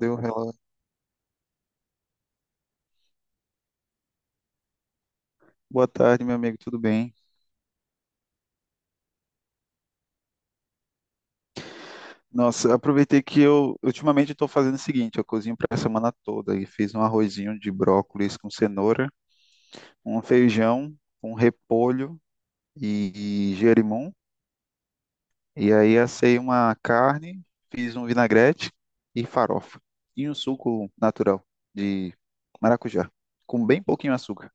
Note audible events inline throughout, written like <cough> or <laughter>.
Deu relógio. Boa tarde, meu amigo, tudo bem? Nossa, aproveitei que eu ultimamente estou fazendo o seguinte, eu cozinho para a semana toda e fiz um arrozinho de brócolis com cenoura, um feijão, um repolho e gerimum. E aí assei uma carne, fiz um vinagrete e farofa. E um suco natural de maracujá, com bem pouquinho açúcar.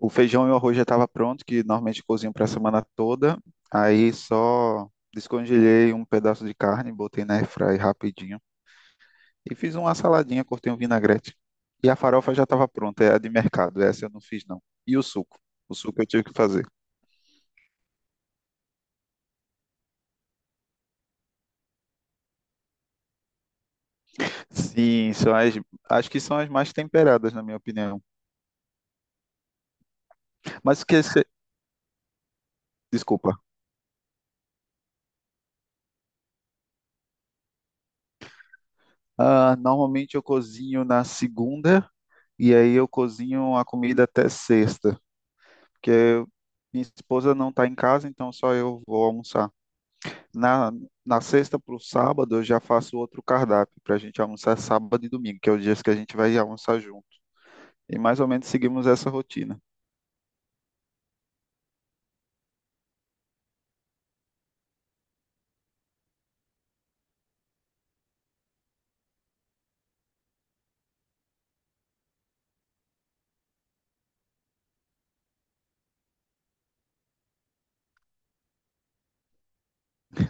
O feijão e o arroz já estava pronto, que normalmente cozinho para a semana toda. Aí só descongelei um pedaço de carne, botei na airfry rapidinho e fiz uma saladinha, cortei um vinagrete. E a farofa já estava pronta, é a de mercado, essa eu não fiz não. E o suco? O suco eu tive que fazer. Sim, acho que são as mais temperadas, na minha opinião. Mas o que você. Desculpa. Ah, normalmente eu cozinho na segunda e aí eu cozinho a comida até sexta, porque minha esposa não está em casa, então só eu vou almoçar. Na, na sexta para o sábado, eu já faço outro cardápio para a gente almoçar sábado e domingo, que é os dias que a gente vai almoçar junto. E mais ou menos seguimos essa rotina.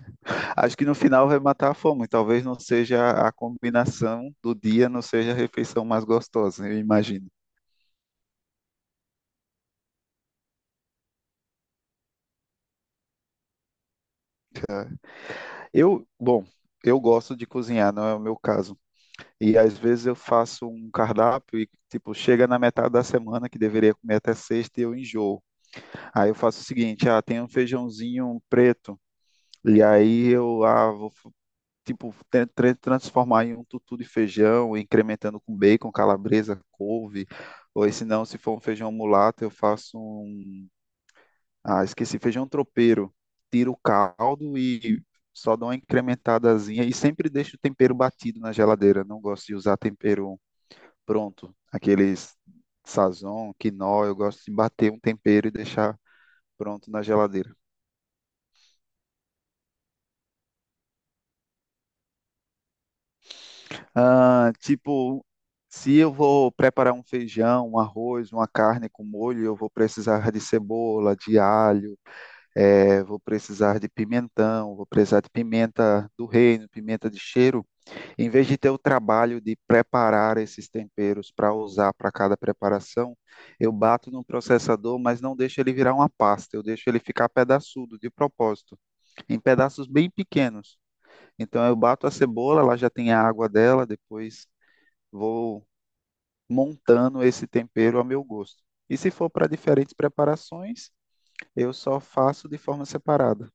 <laughs> Acho que no final vai matar a fome. Talvez não seja a combinação do dia, não seja a refeição mais gostosa, eu imagino. Bom, eu gosto de cozinhar, não é o meu caso. E às vezes eu faço um cardápio e, tipo, chega na metade da semana que deveria comer até sexta e eu enjoo. Aí eu faço o seguinte, ah, tem um feijãozinho preto, e aí eu vou, tipo, transformar em um tutu de feijão, incrementando com bacon, calabresa, couve, ou se não, se for um feijão mulato, eu faço um, ah, esqueci, feijão tropeiro, tiro o caldo e só dou uma incrementadazinha, e sempre deixo o tempero batido na geladeira, não gosto de usar tempero pronto, aqueles Sazon, quinó, eu gosto de bater um tempero e deixar pronto na geladeira. Ah, tipo, se eu vou preparar um feijão, um arroz, uma carne com molho, eu vou precisar de cebola, de alho, vou precisar de pimentão, vou precisar de pimenta do reino, pimenta de cheiro. Em vez de ter o trabalho de preparar esses temperos para usar para cada preparação, eu bato no processador, mas não deixo ele virar uma pasta, eu deixo ele ficar pedaçudo, de propósito, em pedaços bem pequenos. Então eu bato a cebola, ela já tem a água dela, depois vou montando esse tempero ao meu gosto. E se for para diferentes preparações, eu só faço de forma separada,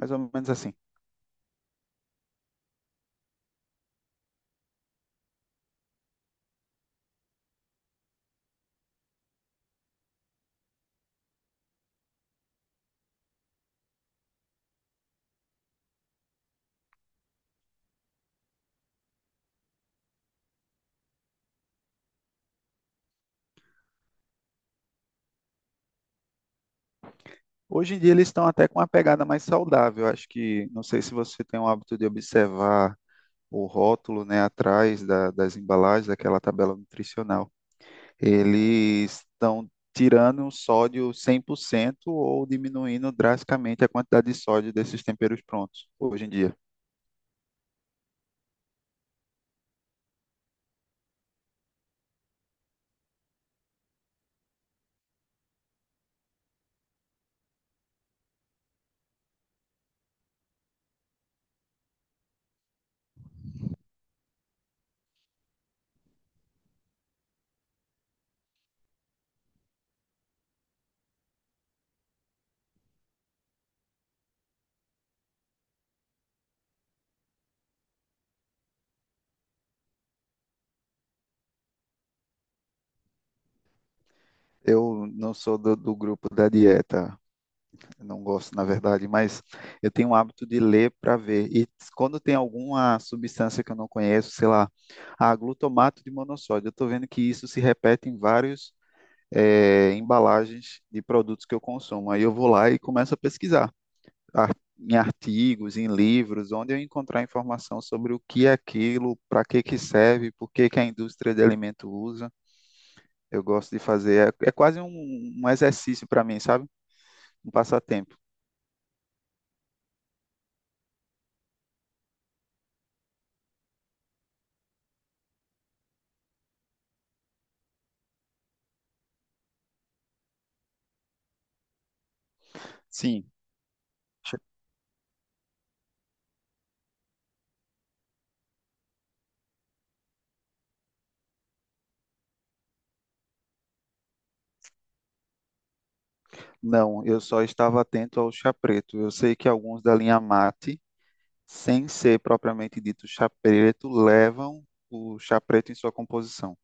mais ou menos assim. Hoje em dia eles estão até com uma pegada mais saudável. Acho que, não sei se você tem o hábito de observar o rótulo, né, atrás das embalagens, daquela tabela nutricional. Eles estão tirando o sódio 100% ou diminuindo drasticamente a quantidade de sódio desses temperos prontos, hoje em dia. Eu não sou do grupo da dieta. Eu não gosto, na verdade, mas eu tenho o hábito de ler para ver. E quando tem alguma substância que eu não conheço, sei lá, a glutamato de monossódio, eu estou vendo que isso se repete em vários embalagens de produtos que eu consumo. Aí eu vou lá e começo a pesquisar em artigos, em livros, onde eu encontrar informação sobre o que é aquilo, para que que serve, por que que a indústria de alimento usa. Eu gosto de fazer, é, é quase um exercício para mim, sabe? Um passatempo. Sim. Não, eu só estava atento ao chá preto. Eu sei que alguns da linha mate, sem ser propriamente dito chá preto, levam o chá preto em sua composição.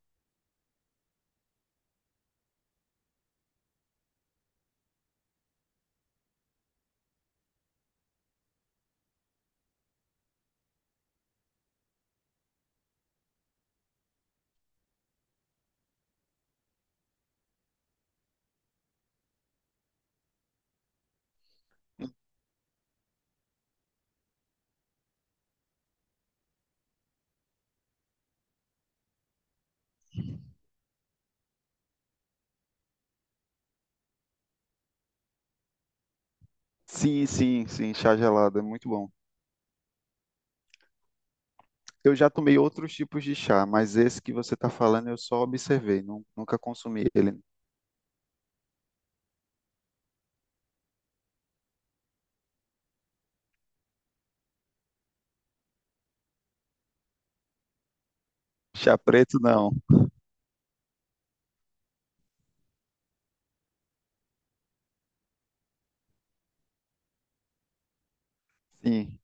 Sim, sim, sim, chá gelado é muito bom. Eu já tomei outros tipos de chá, mas esse que você está falando eu só observei, nunca consumi ele. Chá preto, não. Sim.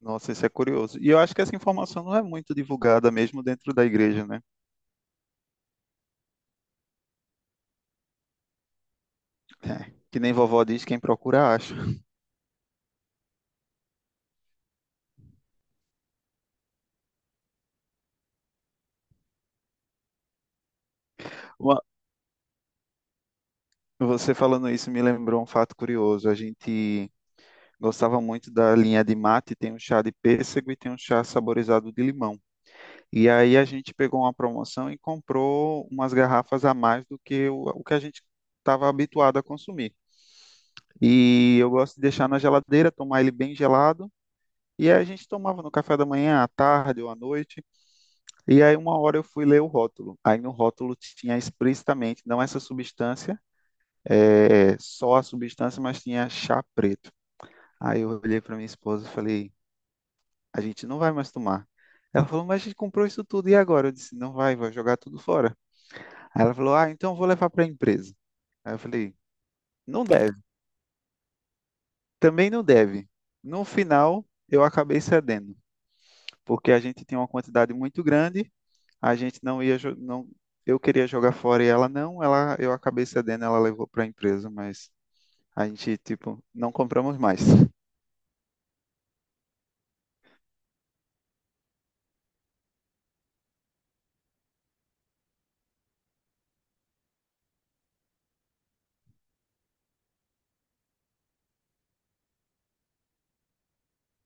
Nossa, isso é curioso. E eu acho que essa informação não é muito divulgada mesmo dentro da igreja, né? É, que nem vovó diz, quem procura acha. Uma- Você falando isso me lembrou um fato curioso. A gente gostava muito da linha de mate, tem um chá de pêssego e tem um chá saborizado de limão. E aí a gente pegou uma promoção e comprou umas garrafas a mais do que o que a gente estava habituado a consumir. E eu gosto de deixar na geladeira, tomar ele bem gelado. E aí a gente tomava no café da manhã, à tarde ou à noite. E aí uma hora eu fui ler o rótulo. Aí no rótulo tinha explicitamente, não essa substância, é, só a substância, mas tinha chá preto. Aí eu olhei para minha esposa e falei, a gente não vai mais tomar. Ela falou, mas a gente comprou isso tudo e agora? Eu disse, não vai, vai jogar tudo fora. Aí ela falou, ah, então eu vou levar para a empresa. Aí eu falei, não deve, também não deve. No final, eu acabei cedendo, porque a gente tinha uma quantidade muito grande, a gente não ia, não, eu queria jogar fora e ela não, ela, eu acabei cedendo, ela levou para a empresa, mas a gente, tipo, não compramos mais. <laughs>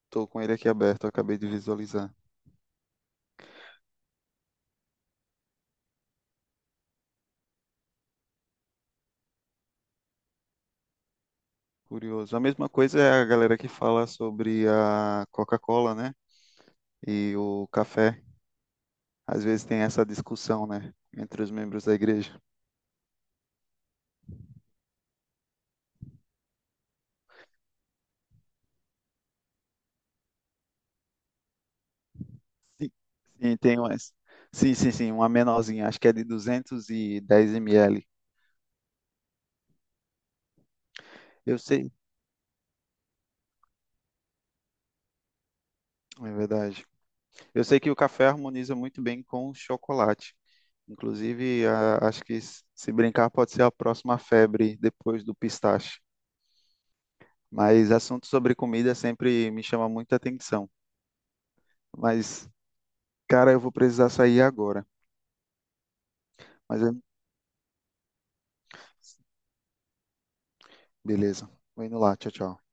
Estou com ele aqui aberto, eu acabei de visualizar. Curioso. A mesma coisa é a galera que fala sobre a Coca-Cola, né? E o café. Às vezes tem essa discussão, né? Entre os membros da igreja. Sim, sim, tem umas. Sim, sim, sim, uma menorzinha. Acho que é de 210 ml. Eu sei, é verdade. Eu sei que o café harmoniza muito bem com o chocolate. Inclusive, acho que se brincar pode ser a próxima febre depois do pistache. Mas assunto sobre comida sempre me chama muita atenção. Mas, cara, eu vou precisar sair agora. Mas eu... Beleza. Vou indo lá. Tchau, tchau.